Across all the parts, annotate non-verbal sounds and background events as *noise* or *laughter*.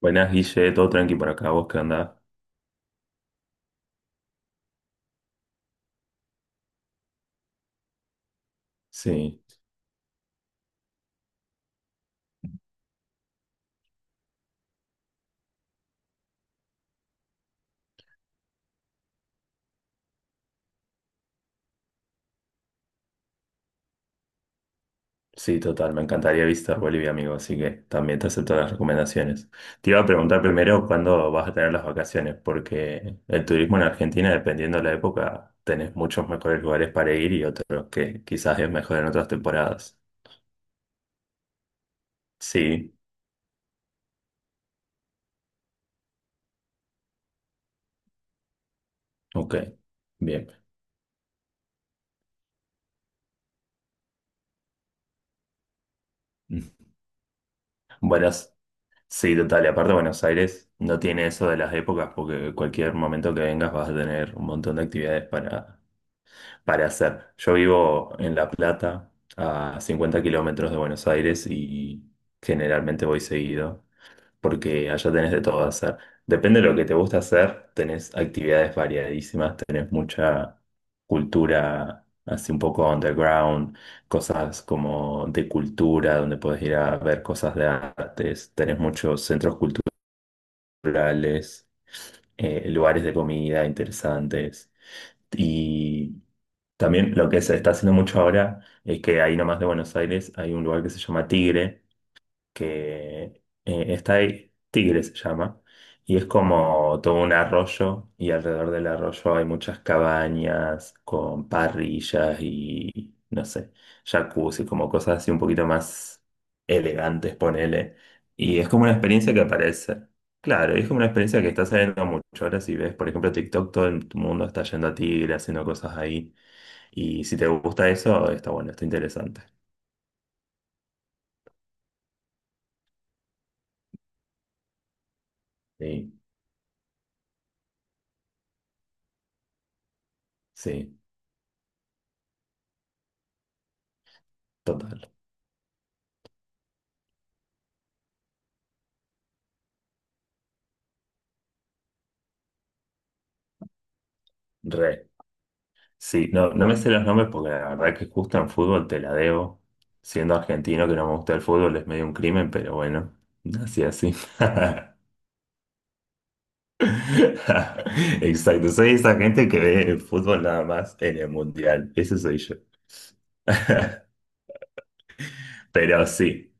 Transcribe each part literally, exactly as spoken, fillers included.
Buenas, Guille, todo tranqui por acá, ¿vos qué andás? Sí, sí, total, me encantaría visitar Bolivia, amigo, así que también te acepto las recomendaciones. Te iba a preguntar primero cuándo vas a tener las vacaciones, porque el turismo en Argentina, dependiendo de la época, tenés muchos mejores lugares para ir y otros que quizás es mejor en otras temporadas. Sí, ok, bien. Mm, buenas, sí, total, y aparte Buenos Aires no tiene eso de las épocas, porque cualquier momento que vengas vas a tener un montón de actividades para para hacer. Yo vivo en La Plata, a cincuenta kilómetros de Buenos Aires y generalmente voy seguido, porque allá tenés de todo hacer. Depende de lo que te gusta hacer, tenés actividades variadísimas, tenés mucha cultura, así un poco underground, cosas como de cultura, donde podés ir a ver cosas de artes, tenés muchos centros culturales culturales, eh, lugares de comida interesantes. Y también lo que se está haciendo mucho ahora es que ahí nomás de Buenos Aires hay un lugar que se llama Tigre, que eh, está ahí, Tigre se llama, y es como todo un arroyo, y alrededor del arroyo hay muchas cabañas con parrillas y, no sé, jacuzzi, como cosas así un poquito más elegantes, ponele. Y es como una experiencia que aparece. Claro, y es como una experiencia que está saliendo mucho. Ahora si ves, por ejemplo, TikTok, todo el mundo está yendo a Tigre, haciendo cosas ahí. Y si te gusta eso, está bueno, está interesante. Sí, sí, total. Re. Sí, no, no me sé los nombres porque la verdad que justo en fútbol te la debo. Siendo argentino que no me gusta el fútbol es medio un crimen, pero bueno, así así. *laughs* Exacto, soy esa gente que ve el fútbol nada más en el mundial. Ese soy yo. *laughs* Pero sí,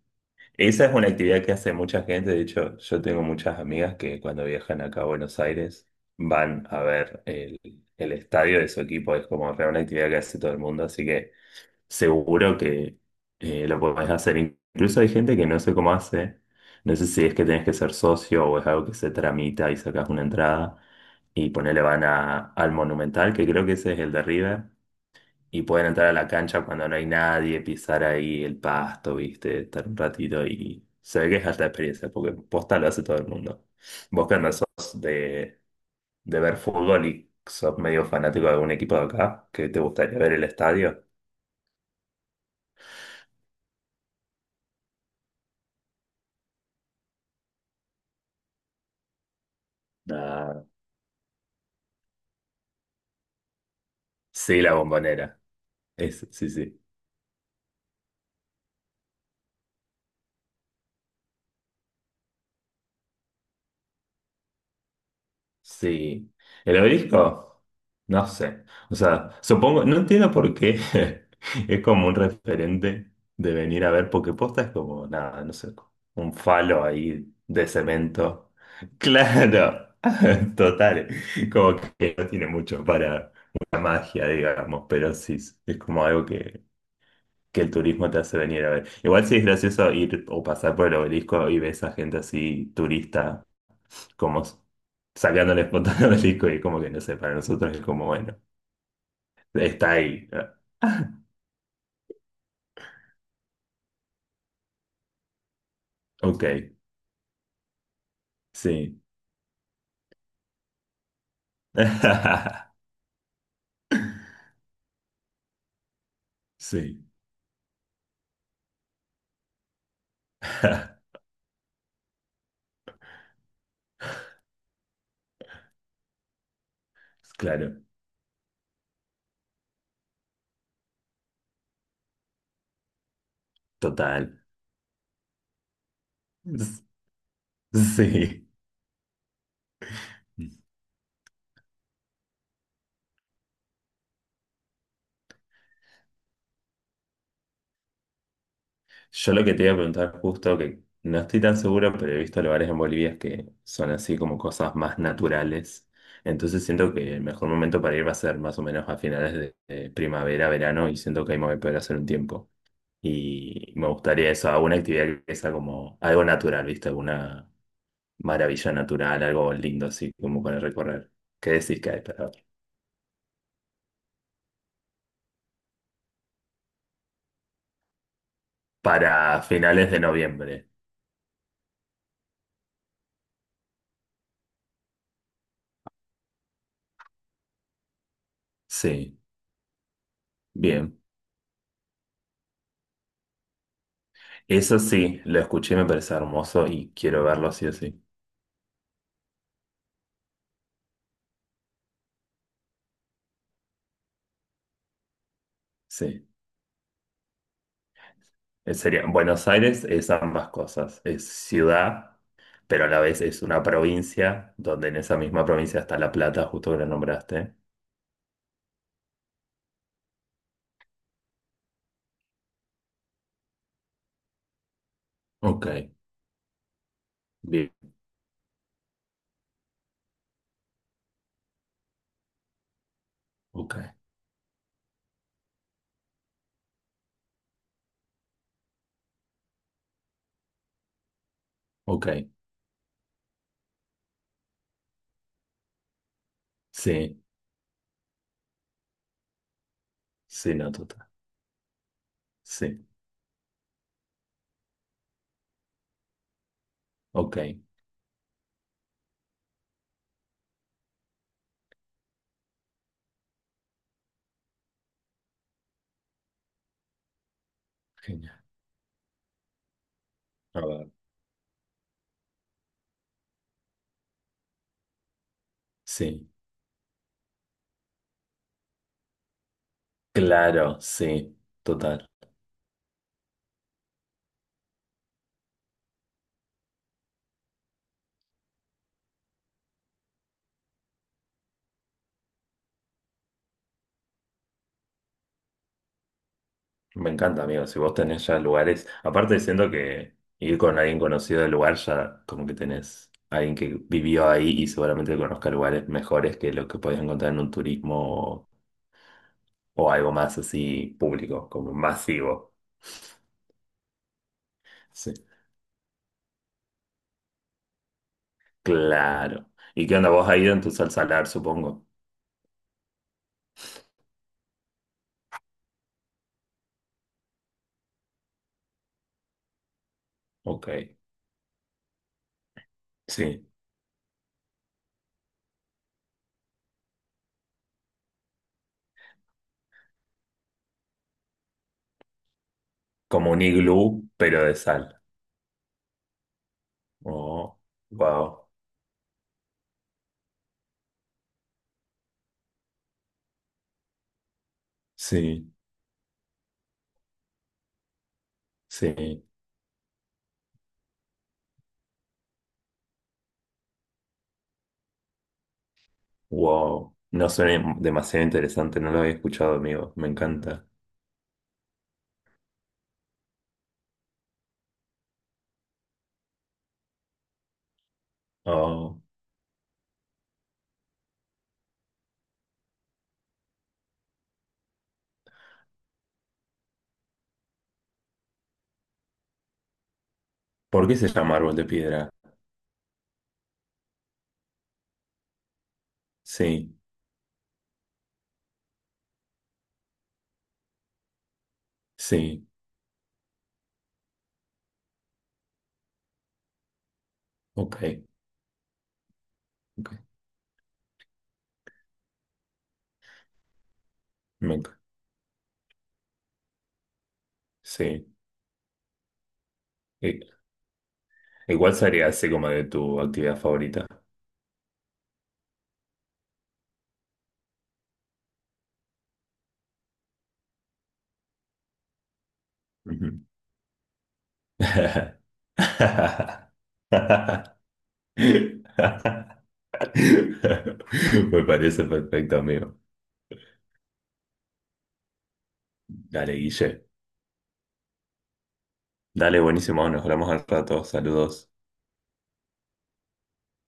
esa es una actividad que hace mucha gente. De hecho, yo tengo muchas amigas que cuando viajan acá a Buenos Aires van a ver el, el estadio de su equipo. Es como re una actividad que hace todo el mundo, así que... seguro que eh, lo podés hacer. Incluso hay gente que no sé cómo hace. No sé si es que tenés que ser socio o es algo que se tramita y sacás una entrada. Y ponele van a, al Monumental, que creo que ese es el de River. Y pueden entrar a la cancha cuando no hay nadie, pisar ahí el pasto, viste, estar un ratito y se ve que es alta experiencia, porque posta lo hace todo el mundo. Vos que andás sos de, de ver fútbol y sos medio fanático de algún equipo de acá, que te gustaría ver el estadio. Sí, la bombonera. Es, sí, sí. Sí. ¿El obelisco? No sé. O sea, supongo, no entiendo por qué *laughs* es como un referente de venir a ver, porque posta es como, nada, no sé, un falo ahí de cemento. Claro, *laughs* total. Como que no tiene mucho para una magia, digamos, pero sí, es como algo que que el turismo te hace venir a ver. Igual sí es gracioso ir o pasar por el obelisco y ves a gente así turista, como s- sacándole fotos al obelisco y como que no sé, para nosotros es como, bueno, está ahí. *laughs* Ok, sí. *laughs* Sí. *laughs* Claro, total. S- Sí. Yo lo que te iba a preguntar justo, que no estoy tan seguro, pero he visto lugares en Bolivia que son así como cosas más naturales. Entonces siento que el mejor momento para ir va a ser más o menos a finales de, de primavera, verano, y siento que ahí me voy a poder hacer un tiempo. Y me gustaría eso, alguna actividad que sea como algo natural, ¿viste? Alguna maravilla natural, algo lindo así como para recorrer. ¿Qué decís que hay para, para finales de noviembre? Sí, bien. Eso sí, lo escuché y me parece hermoso y quiero verlo sí o sí. Sí, eh, sería, Buenos Aires es ambas cosas, es ciudad, pero a la vez es una provincia, donde en esa misma provincia está La Plata, justo que la nombraste. Ok, bien, ok, ok, sí, sí, no, total, sí, ok, genial. A ver, sí, claro, sí, total. Me encanta, amigo. Si vos tenés ya lugares, aparte siento que ir con alguien conocido del lugar ya como que tenés alguien que vivió ahí y seguramente conozca lugares mejores que lo que podés encontrar en un turismo o, o algo más así público, como masivo. Sí, claro. ¿Y qué onda? ¿Vos has ido en tu sal salar, supongo? Ok. Sí, como un iglú, pero de sal. Oh, wow. Sí, sí, wow. No suena demasiado interesante, no lo había escuchado, amigo. Me encanta. Oh, ¿por qué se llama árbol de piedra? Sí, sí, ok, ok, me enc- sí. I- Igual sería así como de tu actividad favorita. Ujú. *laughs* Me parece perfecto, amigo. Dale, Guille. Dale, buenísimo, nos hablamos al rato, saludos.